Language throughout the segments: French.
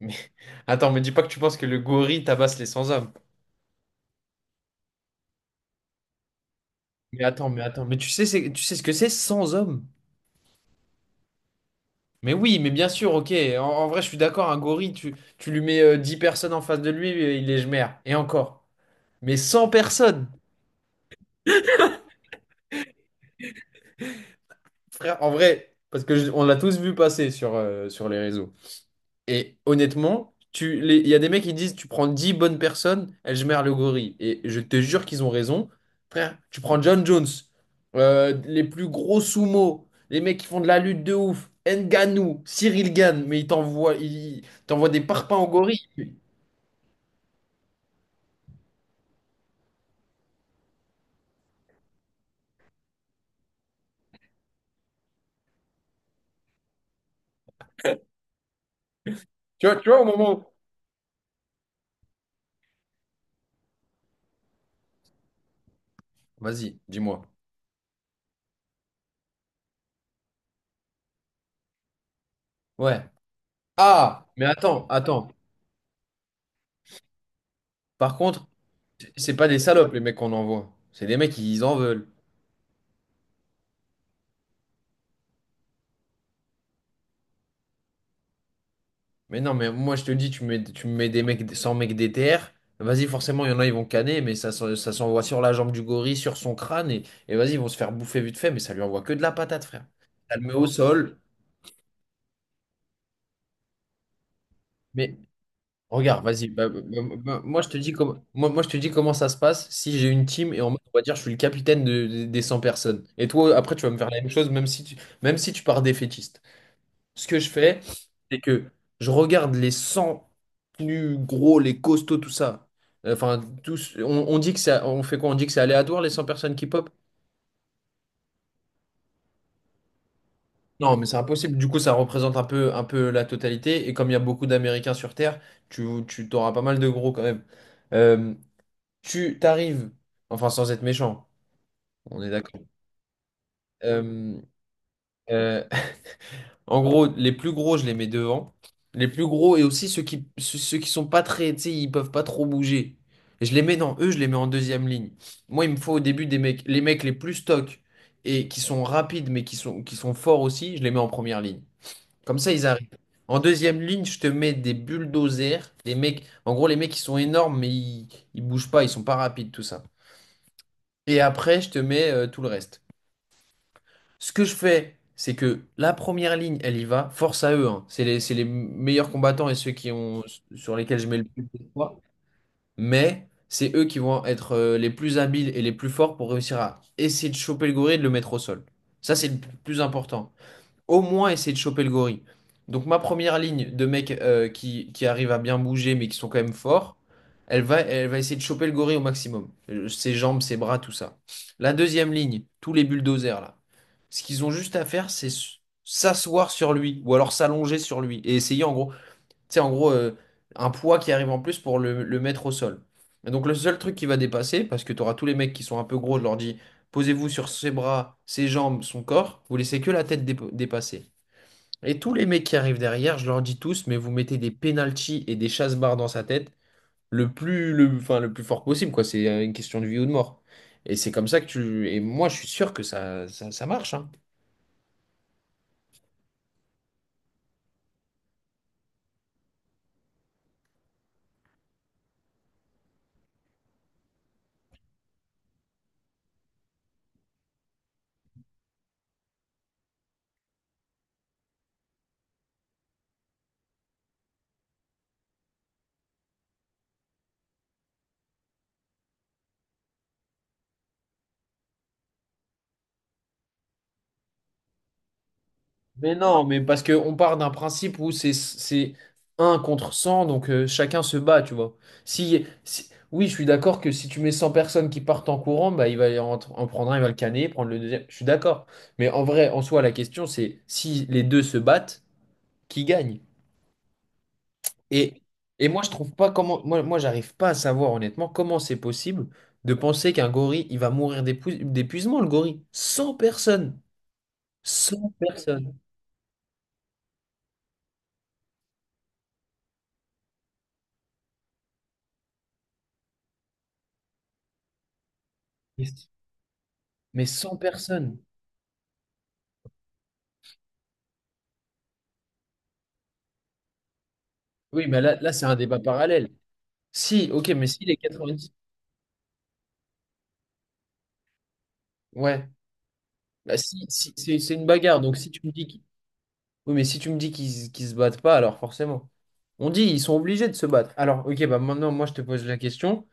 Mais attends, me dis pas que tu penses que le gorille tabasse les 100 hommes. Mais attends, mais attends, mais tu sais, tu sais ce que c'est 100 hommes? Mais oui, mais bien sûr, ok. En vrai, je suis d'accord, un gorille, tu lui mets 10 personnes en face de lui, il est merde. Et encore. Mais 100 personnes, frère, en vrai, parce que on l'a tous vu passer sur les réseaux. Et honnêtement, il y a des mecs qui disent tu prends 10 bonnes personnes, Ejmer le gorille. Et je te jure qu'ils ont raison. Frère, tu prends John Jones, les plus gros sumo, les mecs qui font de la lutte de ouf, Ngannou, Cyril Gane, mais ils t'envoient des parpaings au gorille. Tu vois au moment où... Vas-y, dis-moi. Ouais. Ah, mais attends, attends. Par contre, c'est pas des salopes les mecs qu'on envoie. C'est des mecs qui en veulent. Mais non, mais moi je te dis, tu me mets des mecs, 100 mecs DTR, vas-y, forcément, il y en a, ils vont canner, mais ça, ça s'envoie sur la jambe du gorille, sur son crâne, et vas-y, ils vont se faire bouffer vite fait, mais ça lui envoie que de la patate, frère. Ça le met au sol, mais regarde, vas-y, moi, je te dis comment ça se passe si j'ai une team et on va dire, je suis le capitaine des 100 personnes. Et toi, après, tu vas me faire la même chose, même si tu pars défaitiste. Ce que je fais, c'est que je regarde les 100 plus gros, les costauds, tout ça. Enfin, tous, on dit que ça, on fait quoi? On dit que c'est aléatoire, les 100 personnes qui pop? Non, mais c'est impossible. Du coup, ça représente un peu la totalité. Et comme il y a beaucoup d'Américains sur Terre, tu t'auras pas mal de gros quand même. Euh, tu t'arrives, enfin, sans être méchant, on est d'accord. Euh, euh, En gros, les plus gros, je les mets devant. Les plus gros et aussi ceux qui sont pas très, tu sais, ils peuvent pas trop bouger. Et je les mets dans eux, je les mets en deuxième ligne. Moi, il me faut au début des mecs les plus stock et qui sont rapides mais qui sont forts aussi, je les mets en première ligne. Comme ça, ils arrivent. En deuxième ligne, je te mets des bulldozers, les mecs, en gros, les mecs qui sont énormes mais ils bougent pas, ils sont pas rapides, tout ça. Et après, je te mets tout le reste. Ce que je fais, c'est que la première ligne, elle y va. Force à eux, hein. C'est les meilleurs combattants et ceux qui ont, sur lesquels je mets le plus d'espoir. Mais c'est eux qui vont être les plus habiles et les plus forts pour réussir à essayer de choper le gorille et de le mettre au sol. Ça, c'est le plus important au moins essayer de choper le gorille. Donc ma première ligne de mecs qui arrivent à bien bouger mais qui sont quand même forts, elle va essayer de choper le gorille au maximum. Ses jambes, ses bras, tout ça. La deuxième ligne, tous les bulldozers là. Ce qu'ils ont juste à faire, c'est s'asseoir sur lui ou alors s'allonger sur lui et essayer en gros, tu sais, en gros, un poids qui arrive en plus pour le mettre au sol. Et donc le seul truc qui va dépasser, parce que tu auras tous les mecs qui sont un peu gros, je leur dis, posez-vous sur ses bras, ses jambes, son corps, vous laissez que la tête dépasser. Et tous les mecs qui arrivent derrière, je leur dis tous, mais vous mettez des penalties et des chasse-barres dans sa tête le plus fort possible, quoi. C'est une question de vie ou de mort. Et c'est comme ça que tu. Et moi, je suis sûr que ça marche, hein. Mais non, mais parce qu'on part d'un principe où c'est 1 contre 100, donc chacun se bat, tu vois. Oui, je suis d'accord que si tu mets 100 personnes qui partent en courant, bah, il va en prendre un, il va le canner, prendre le deuxième. Je suis d'accord. Mais en vrai, en soi, la question, c'est si les deux se battent, qui gagne? Et, et moi, je trouve pas comment. Moi, j'arrive pas à savoir, honnêtement, comment c'est possible de penser qu'un gorille, il va mourir d'épuisement, le gorille. 100 personnes. 100 personnes. Mais mais 100 personnes. Oui, mais là, là c'est un débat parallèle. Si, ok, mais si les 10... Ouais. Bah, si, c'est une bagarre. Donc, si tu me dis Oui, mais si tu me dis qu'ils se battent pas, alors forcément. On dit ils sont obligés de se battre. Alors, ok, bah maintenant, moi, je te pose la question.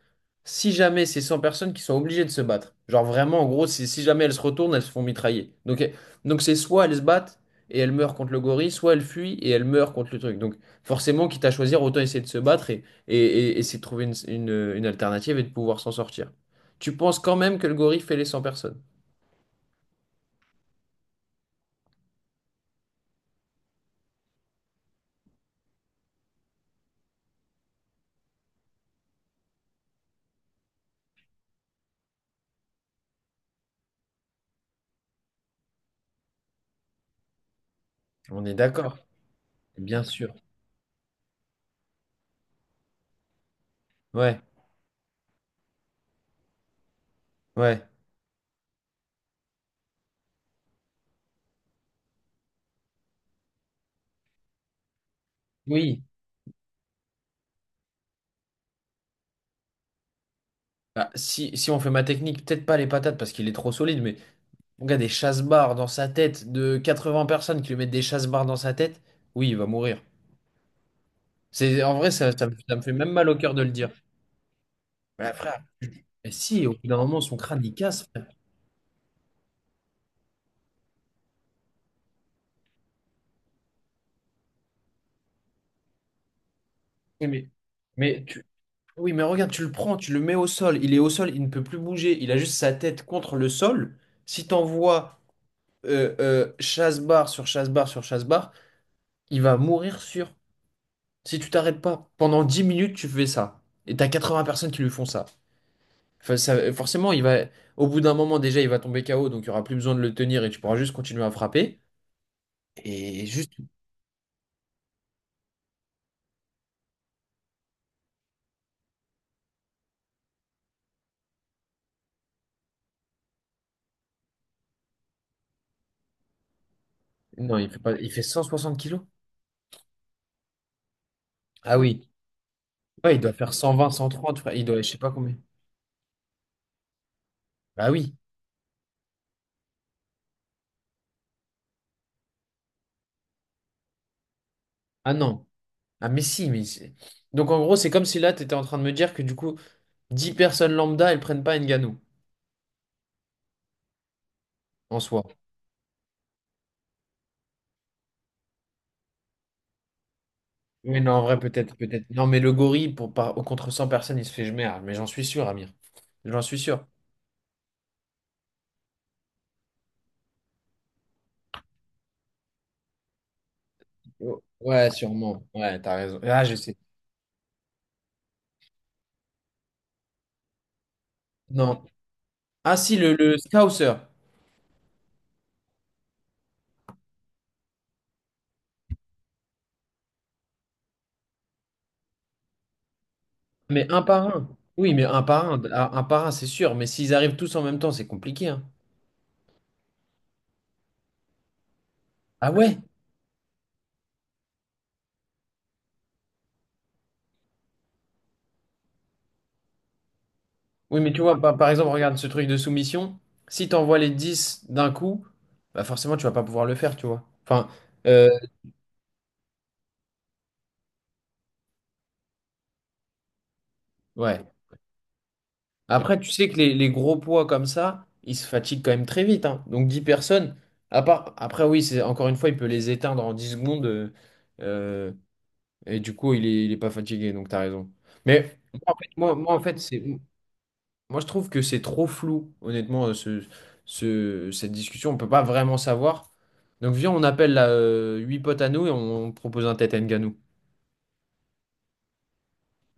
Si jamais c'est 100 personnes qui sont obligées de se battre, genre vraiment, en gros, si jamais elles se retournent, elles se font mitrailler. Donc c'est soit elles se battent et elles meurent contre le gorille, soit elles fuient et elles meurent contre le truc. Donc, forcément, quitte à choisir, autant essayer de se battre et, et essayer de trouver une alternative et de pouvoir s'en sortir. Tu penses quand même que le gorille fait les 100 personnes? On est d'accord, bien sûr. Ouais, ouais. Oui. Ah, si, si on fait ma technique, peut-être pas les patates parce qu'il est trop solide, mais on a des chasse-barres dans sa tête de 80 personnes qui lui mettent des chasse-barres dans sa tête, oui, il va mourir. C'est, en vrai, ça me fait même mal au cœur de le dire. Mais frère, mais si, au bout d'un moment, son crâne, il casse, frère. Oui, mais tu- oui, mais regarde, tu le prends, tu le mets au sol. Il est au sol, il ne peut plus bouger. Il a juste sa tête contre le sol. Si t'envoies chasse-barre sur chasse-barre sur chasse-barre, il va mourir sûr. Si tu t'arrêtes pas, pendant 10 minutes, tu fais ça. Et t'as 80 personnes qui lui font ça. Enfin, forcément, il va, au bout d'un moment, déjà, il va tomber KO, donc il n'y aura plus besoin de le tenir et tu pourras juste continuer à frapper. Et juste. Non, il fait pas, il fait 160 kilos. Ah oui. Ouais, il doit faire 120, 130, frère. Il doit, je sais pas combien. Ah oui. Ah non. Ah mais si, mais Donc en gros, c'est comme si là, tu étais en train de me dire que du coup, 10 personnes lambda, elles prennent pas Ngannou, en soi. Oui, non, en vrai, peut-être, peut-être. Non, mais le gorille, pour, par, au contre 100 personnes, il se fait jemer, ah. Mais j'en suis sûr, Amir. J'en suis sûr. Oh, ouais, sûrement. Ouais, t'as raison. Ah, je sais. Non. Ah, si, le Scouser. Mais un par un. Oui, mais un par un. Ah, un par un, c'est sûr. Mais s'ils arrivent tous en même temps, c'est compliqué, hein. Ah ouais? Oui, mais tu vois, par exemple, regarde ce truc de soumission. Si t'envoies les 10 d'un coup, bah forcément, tu vas pas pouvoir le faire, tu vois. Enfin, euh, ouais. Après, tu sais que les gros poids comme ça, ils se fatiguent quand même très vite, hein. Donc 10 personnes, à part, après oui, c'est encore une fois, il peut les éteindre en 10 secondes. Euh, et du coup, il est pas fatigué, donc t'as raison. Mais moi, en fait, moi, je trouve que c'est trop flou, honnêtement, cette discussion. On peut pas vraiment savoir. Donc viens, on appelle là, 8 potes à nous et on propose un tête à